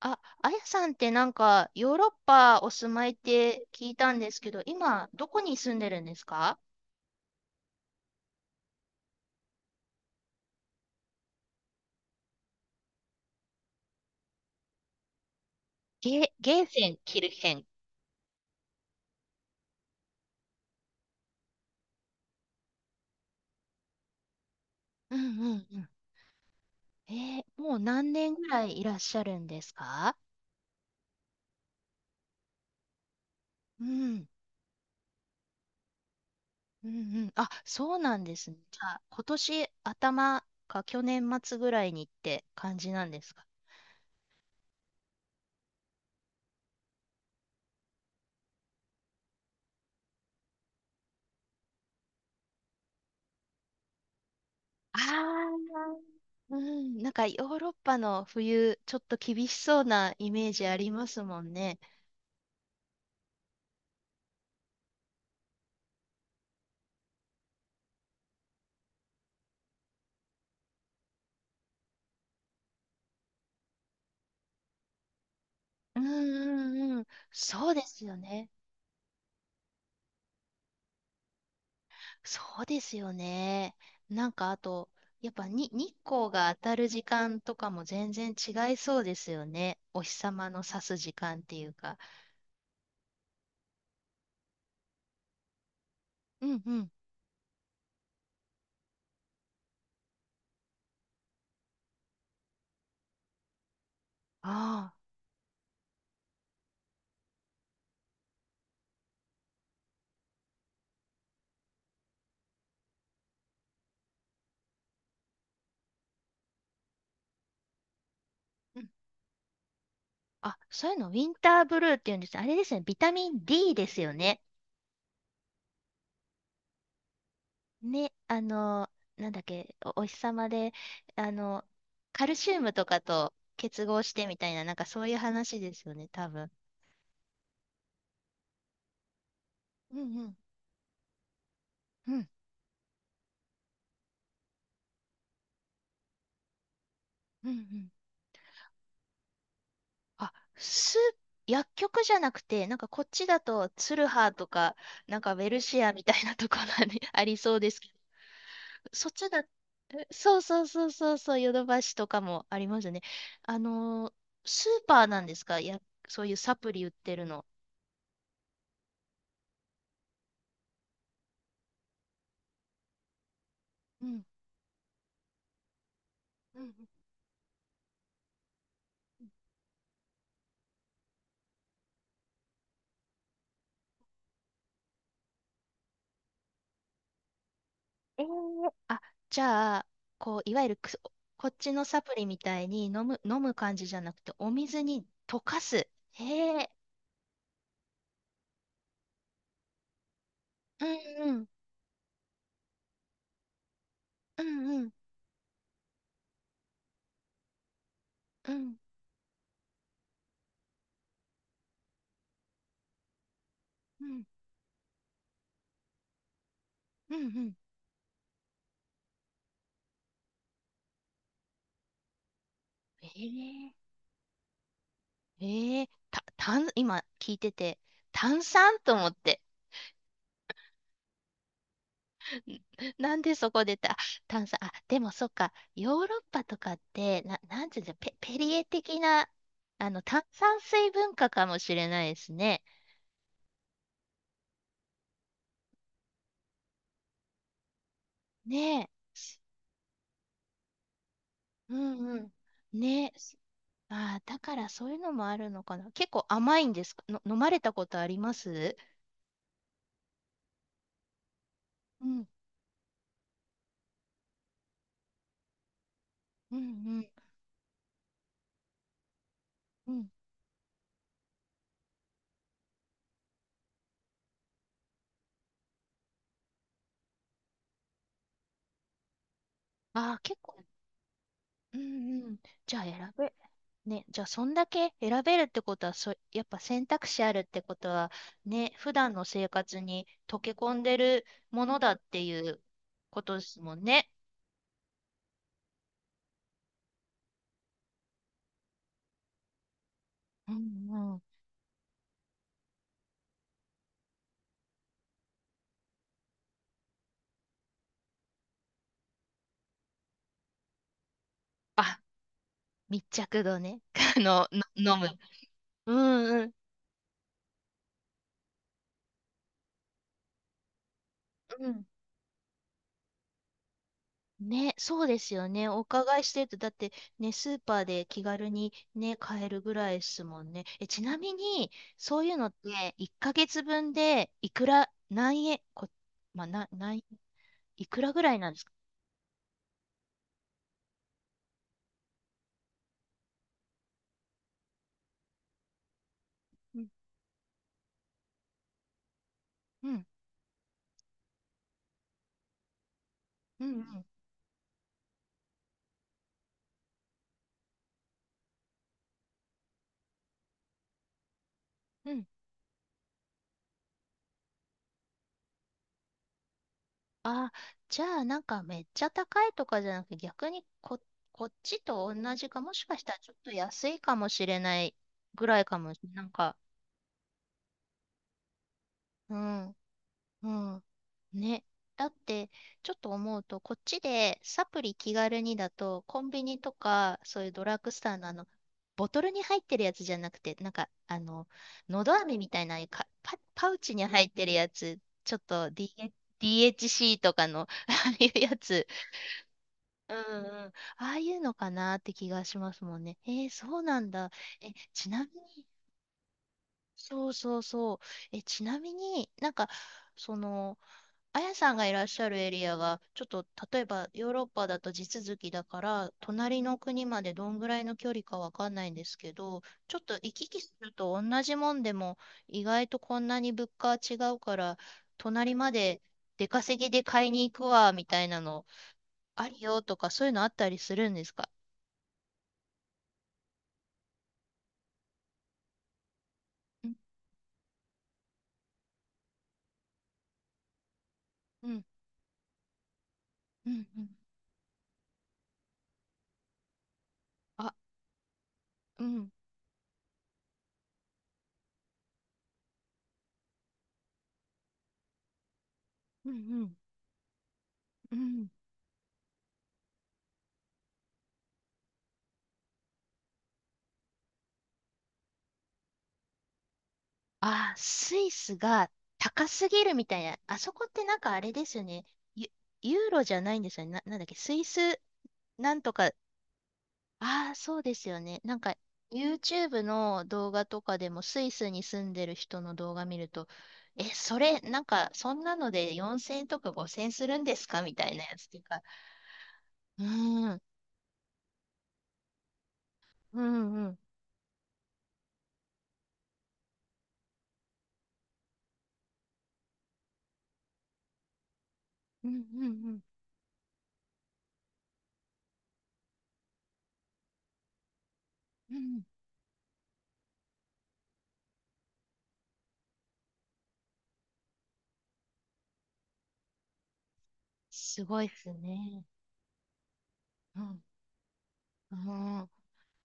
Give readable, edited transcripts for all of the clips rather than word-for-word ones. あ、あやさんってなんかヨーロッパお住まいって聞いたんですけど、今どこに住んでるんですか？ゲー、ゲーセン、キルヘン。うんうんうん。えもう何年ぐらいいらっしゃるんですか？うん。うんうん。あ、そうなんですね。じゃあ、今年頭か去年末ぐらいにって感じなんですか？ああー、うん。なんかヨーロッパの冬、ちょっと厳しそうなイメージありますもんね。うんうんうん。そうですよね。そうですよね。なんかあと、やっぱに日光が当たる時間とかも全然違いそうですよね。お日様の差す時間っていうか。うんうん。ああ。うん、あ、そういうの、ウィンターブルーっていうんです。あれですね、ビタミン D ですよね。ね、なんだっけ、お、お日様で、あの、カルシウムとかと結合してみたいな、なんかそういう話ですよね、多分。うんうん。うんうんうん。あ、す、薬局じゃなくて、なんかこっちだとツルハとか、なんかウェルシアみたいなところに ありそうですけど、そっちだ、そうそうそうそうそう、ヨドバシとかもありますね。あのースーパーなんですか？や、そういうサプリ売ってるの。うん。うんうん。えー、あ、じゃあ、こう、いわゆるくす、こっちのサプリみたいに飲む、感じじゃなくて、お水に溶かす。へえ。うんうん。うんうん。うんうん。うんうん。ええええた、炭、今聞いてて、炭酸と思って。なんでそこでた、炭酸、あ、でもそっか、ヨーロッパとかって、な、なんていうんだペ、ペリエ的な、炭酸水文化かもしれないですね。ねえ。うんうん。ねえ。ああ、だからそういうのもあるのかな。結構甘いんですか？の、飲まれたことあります？うん、うん、うん、うん。ああ、結構、うんうん。じゃあ選べ、ね、じゃあそんだけ選べるってことは、そ、やっぱ選択肢あるってことは、ね、普段の生活に溶け込んでるものだっていうことですもんね。うんうん。あ、密着度ね。あの、の、飲む。うんうん。ね、そうですよね。お伺いしてると、だってね、スーパーで気軽にね、買えるぐらいですもんね。え、ちなみに、そういうのって、1ヶ月分で、いくら、何円、こ、まあ、な、何、いくらぐらいなんですか？うん、うん、うん、うん。うん、あ、じゃあ、なんかめっちゃ高いとかじゃなくて、逆にこ、こっちと同じか、もしかしたらちょっと安いかもしれないぐらいかもしれない。なんか、うん。うん。ね。だって、ちょっと思うと、こっちでサプリ気軽にだと、コンビニとか、そういうドラッグストアのあの、ボトルに入ってるやつじゃなくて、なんか、のど飴みたいなああいうかパ、パウチに入ってるやつ、ちょっと DH、DHC とかの、ああいうやつ、うんうん、ああいうのかなって気がしますもんね。えー、そうなんだ。え、ちなみに、そうそうそう。え、ちなみになんか、その、あやさんがいらっしゃるエリアが、ちょっと例えばヨーロッパだと地続きだから、隣の国までどんぐらいの距離かわかんないんですけど、ちょっと行き来すると同じもんでも、意外とこんなに物価は違うから、隣まで出稼ぎで買いに行くわ、みたいなの、あるよとか、そういうのあったりするんですか？うん、うん、うん、うん。あ、うん、うん、うん、うん。あー、スイスが高すぎるみたいな。あそこってなんかあれですよね。ユ、ユーロじゃないんですよね。な、なんだっけ、スイスなんとか。ああ、そうですよね。なんか YouTube の動画とかでもスイスに住んでる人の動画見ると、え、それ、なんかそんなので4000とか5000するんですか？みたいなやつっていうか。うーん、うん、うん、うん、うん、うん、うん。すごいですね。うん、うん。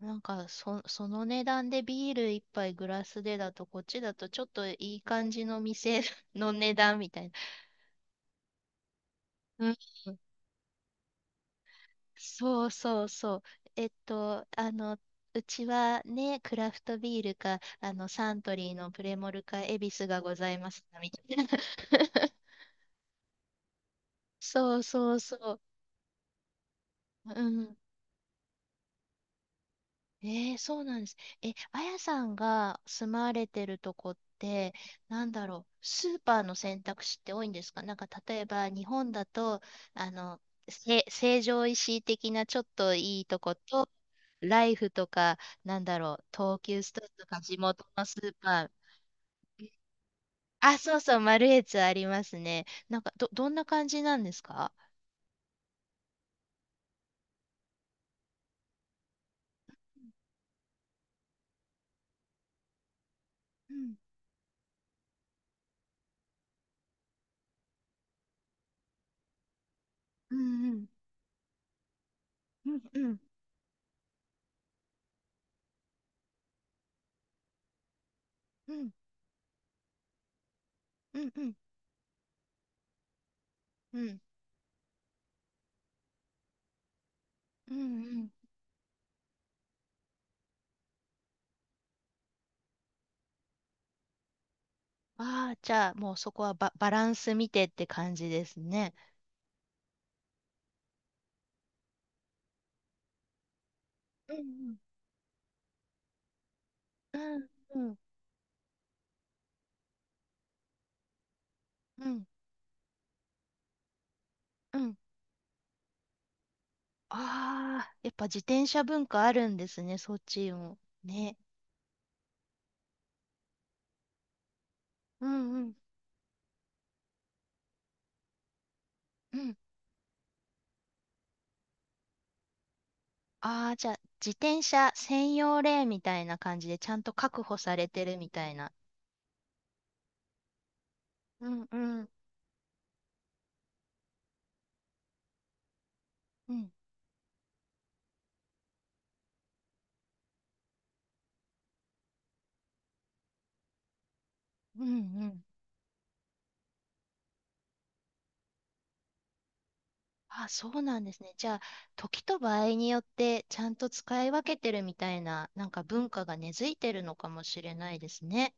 なんかそ、その値段でビール一杯グラスでだと、こっちだとちょっといい感じの店 の値段みたいな。うん。そうそうそう。えっと、うちはね、クラフトビールか、サントリーのプレモルか、恵比寿がございますみたいな。そうそうそう。うん、えー、そうなんです。え、あやさんが住まわれてるとこって、なんだろう、スーパーの選択肢って多いんですか？なんか例えば日本だと、あの、せ、成城石井的なちょっといいとこと、ライフとか、なんだろう、東急ストアとか地元のスーパー。あ、そうそう、マルエツありますね。なんか、ど、どんな感じなんですか？うん、うん、うん、うん、うん、うん、うん、うん、うん、うん、うん、ああ、じゃあ、もうそこはバ、バランス見てって感じですね。うんうんうん、うん、うん、うん。ああー、やっぱ自転車文化あるんですね、そっちも。ね。うん、うん、うん。ああ、じゃあ、自転車専用レーンみたいな感じで、ちゃんと確保されてるみたいな。うん、うん、うん、うん、うん。あ、そうなんですね。じゃあ、時と場合によって、ちゃんと使い分けてるみたいな、なんか文化が根付いてるのかもしれないですね。